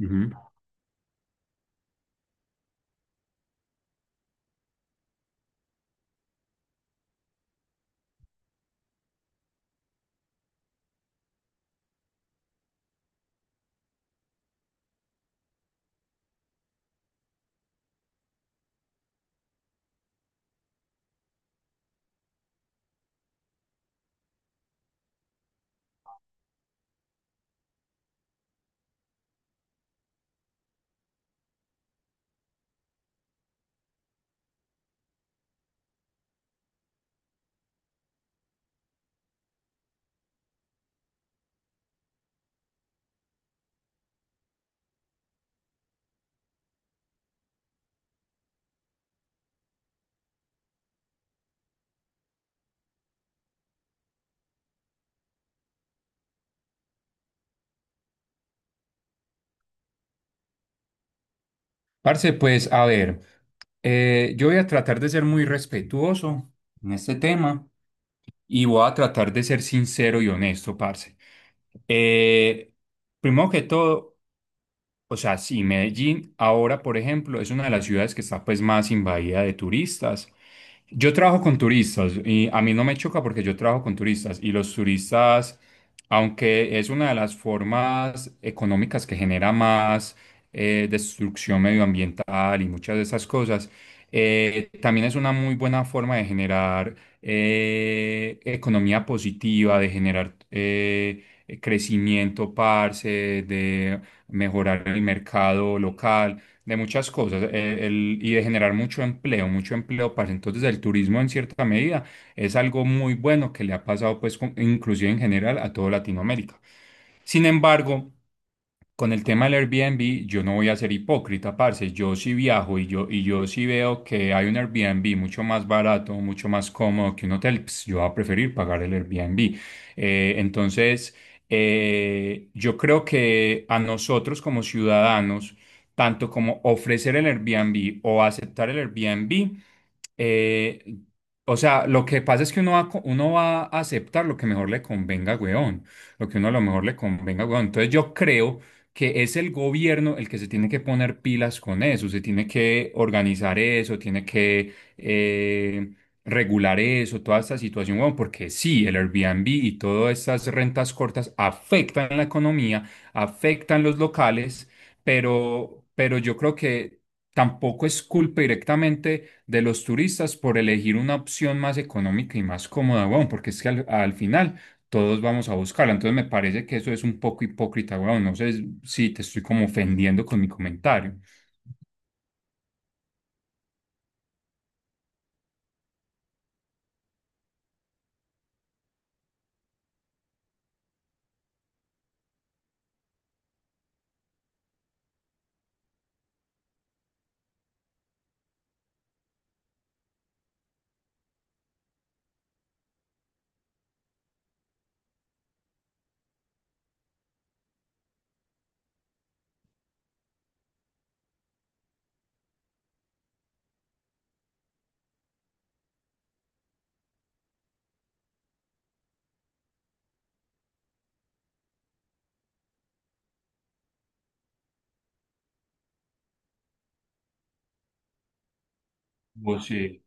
Ujú. Parce, pues a ver, yo voy a tratar de ser muy respetuoso en este tema y voy a tratar de ser sincero y honesto, parce. Eh, Primero que todo, o sea, sí, Medellín ahora, por ejemplo, es una de las ciudades que está pues más invadida de turistas. Yo trabajo con turistas y a mí no me choca porque yo trabajo con turistas y los turistas, aunque es una de las formas económicas que genera más destrucción medioambiental y muchas de esas cosas, también es una muy buena forma de generar economía positiva, de generar crecimiento, parce, de mejorar el mercado local de muchas cosas, y de generar mucho empleo, mucho empleo, para entonces el turismo en cierta medida es algo muy bueno que le ha pasado pues inclusive en general a toda Latinoamérica. Sin embargo, con el tema del Airbnb, yo no voy a ser hipócrita, parce. Yo sí viajo y yo sí veo que hay un Airbnb mucho más barato, mucho más cómodo que un hotel. Pues, yo voy a preferir pagar el Airbnb. Eh, entonces, yo creo que a nosotros como ciudadanos, tanto como ofrecer el Airbnb o aceptar el Airbnb, eh, o sea, lo que pasa es que uno va a aceptar lo que mejor le convenga, weón. Lo que uno a lo mejor le convenga, weón. Entonces, yo creo que es el gobierno el que se tiene que poner pilas con eso, se tiene que organizar eso, tiene que regular eso, toda esta situación, weón, porque sí, el Airbnb y todas estas rentas cortas afectan la economía, afectan los locales, pero yo creo que tampoco es culpa directamente de los turistas por elegir una opción más económica y más cómoda, weón, porque es que al final todos vamos a buscarla. Entonces me parece que eso es un poco hipócrita, weón. No sé si te estoy como ofendiendo con mi comentario. O no. si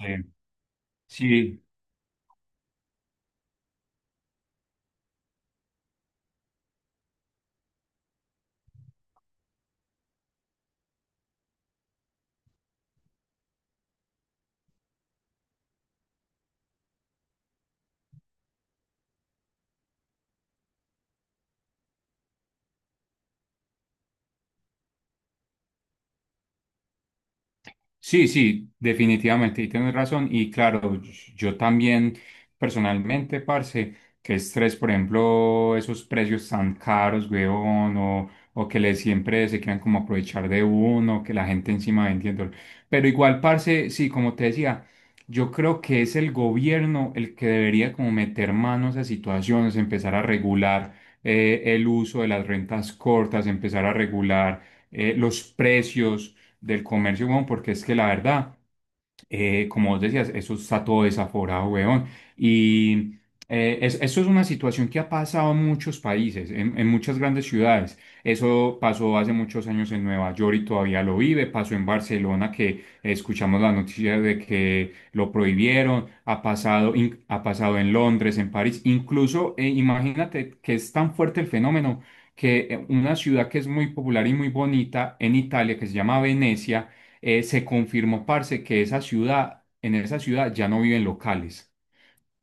eh, si sí, sí, definitivamente, y tienes razón. Y claro, yo también personalmente, parce, que estrés, por ejemplo, esos precios tan caros, weón, o que le siempre se quieran como aprovechar de uno, que la gente encima vendiendo. Pero igual, parce, sí, como te decía, yo creo que es el gobierno el que debería como meter manos a situaciones, empezar a regular el uso de las rentas cortas, empezar a regular los precios del comercio, weón, porque es que la verdad, como vos decías, eso está todo desaforado, weón. Y Eso es una situación que ha pasado en muchos países, en muchas grandes ciudades. Eso pasó hace muchos años en Nueva York y todavía lo vive, pasó en Barcelona, que escuchamos la noticia de que lo prohibieron, ha pasado, ha pasado en Londres, en París, incluso imagínate que es tan fuerte el fenómeno que una ciudad que es muy popular y muy bonita en Italia, que se llama Venecia, se confirmó, parce, que esa ciudad, en esa ciudad ya no viven locales.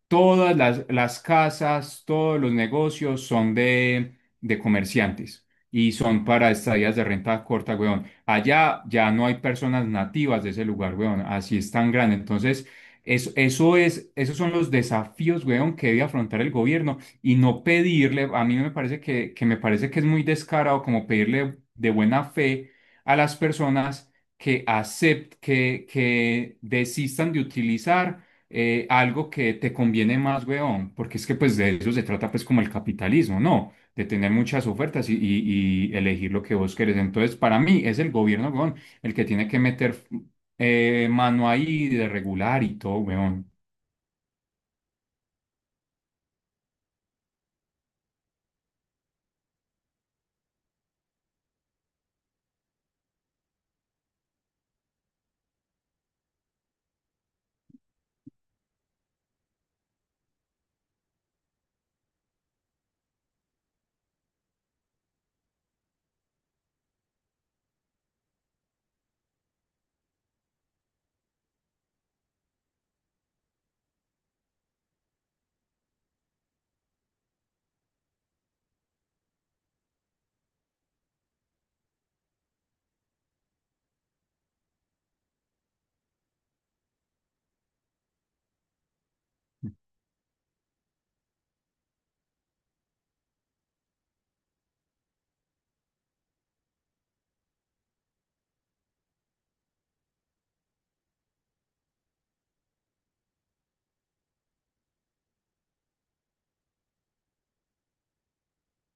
Todas las casas, todos los negocios son de comerciantes y son para estadías de renta corta, weón. Allá ya no hay personas nativas de ese lugar, weón. Así es tan grande. Entonces, esos son los desafíos, weón, que debe afrontar el gobierno y no pedirle, a mí no me parece que me parece que es muy descarado como pedirle de buena fe a las personas que acepten, que desistan de utilizar algo que te conviene más, weón, porque es que pues de eso se trata pues como el capitalismo, ¿no? De tener muchas ofertas y elegir lo que vos querés. Entonces, para mí es el gobierno, weón, el que tiene que meter mano ahí de regular y todo, weón.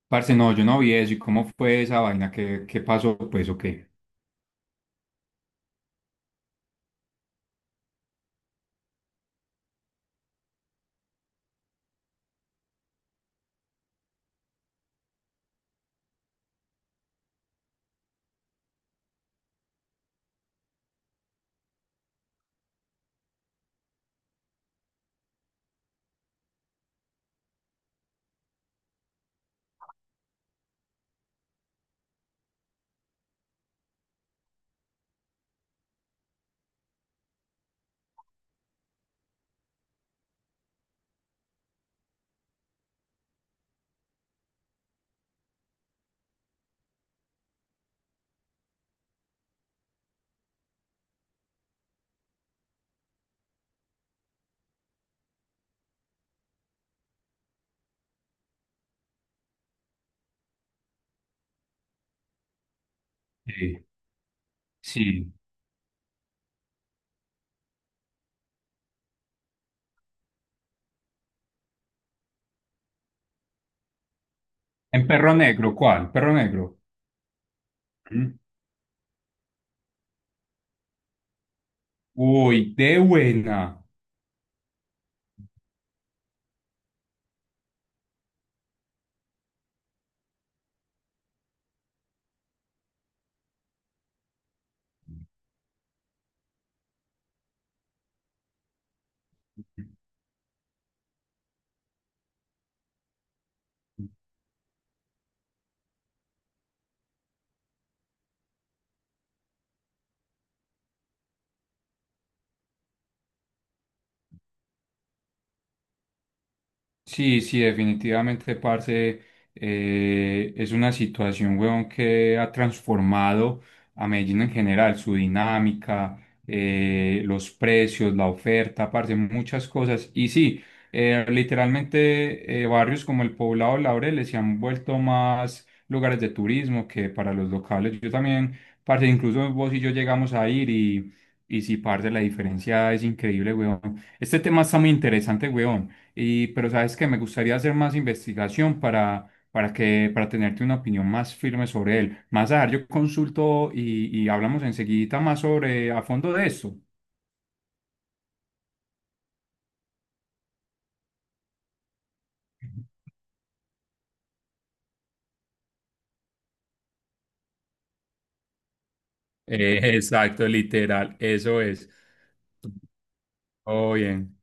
Parce, no, yo no vi eso. ¿Y cómo fue esa vaina? ¿Qué, qué pasó? Pues, ¿o qué? Sí, sí. ¿En Perro Negro? ¿Cuál? ¿Perro Negro? Ujú. Uy, de buena. Sí, sí, definitivamente, parce, es una situación, weón, que ha transformado a Medellín en general, su dinámica, los precios, la oferta, parce, muchas cosas. Y sí, literalmente, barrios como el Poblado, Laureles se han vuelto más lugares de turismo que para los locales. Yo también, parce, incluso vos y yo llegamos a ir y sí, parce, la diferencia es increíble, weón. Este tema está muy interesante, weón. Y, pero sabes que me gustaría hacer más investigación para tenerte una opinión más firme sobre él. Más a yo consulto y hablamos enseguida más sobre a fondo de esto. Exacto, literal, eso es. Todo bien.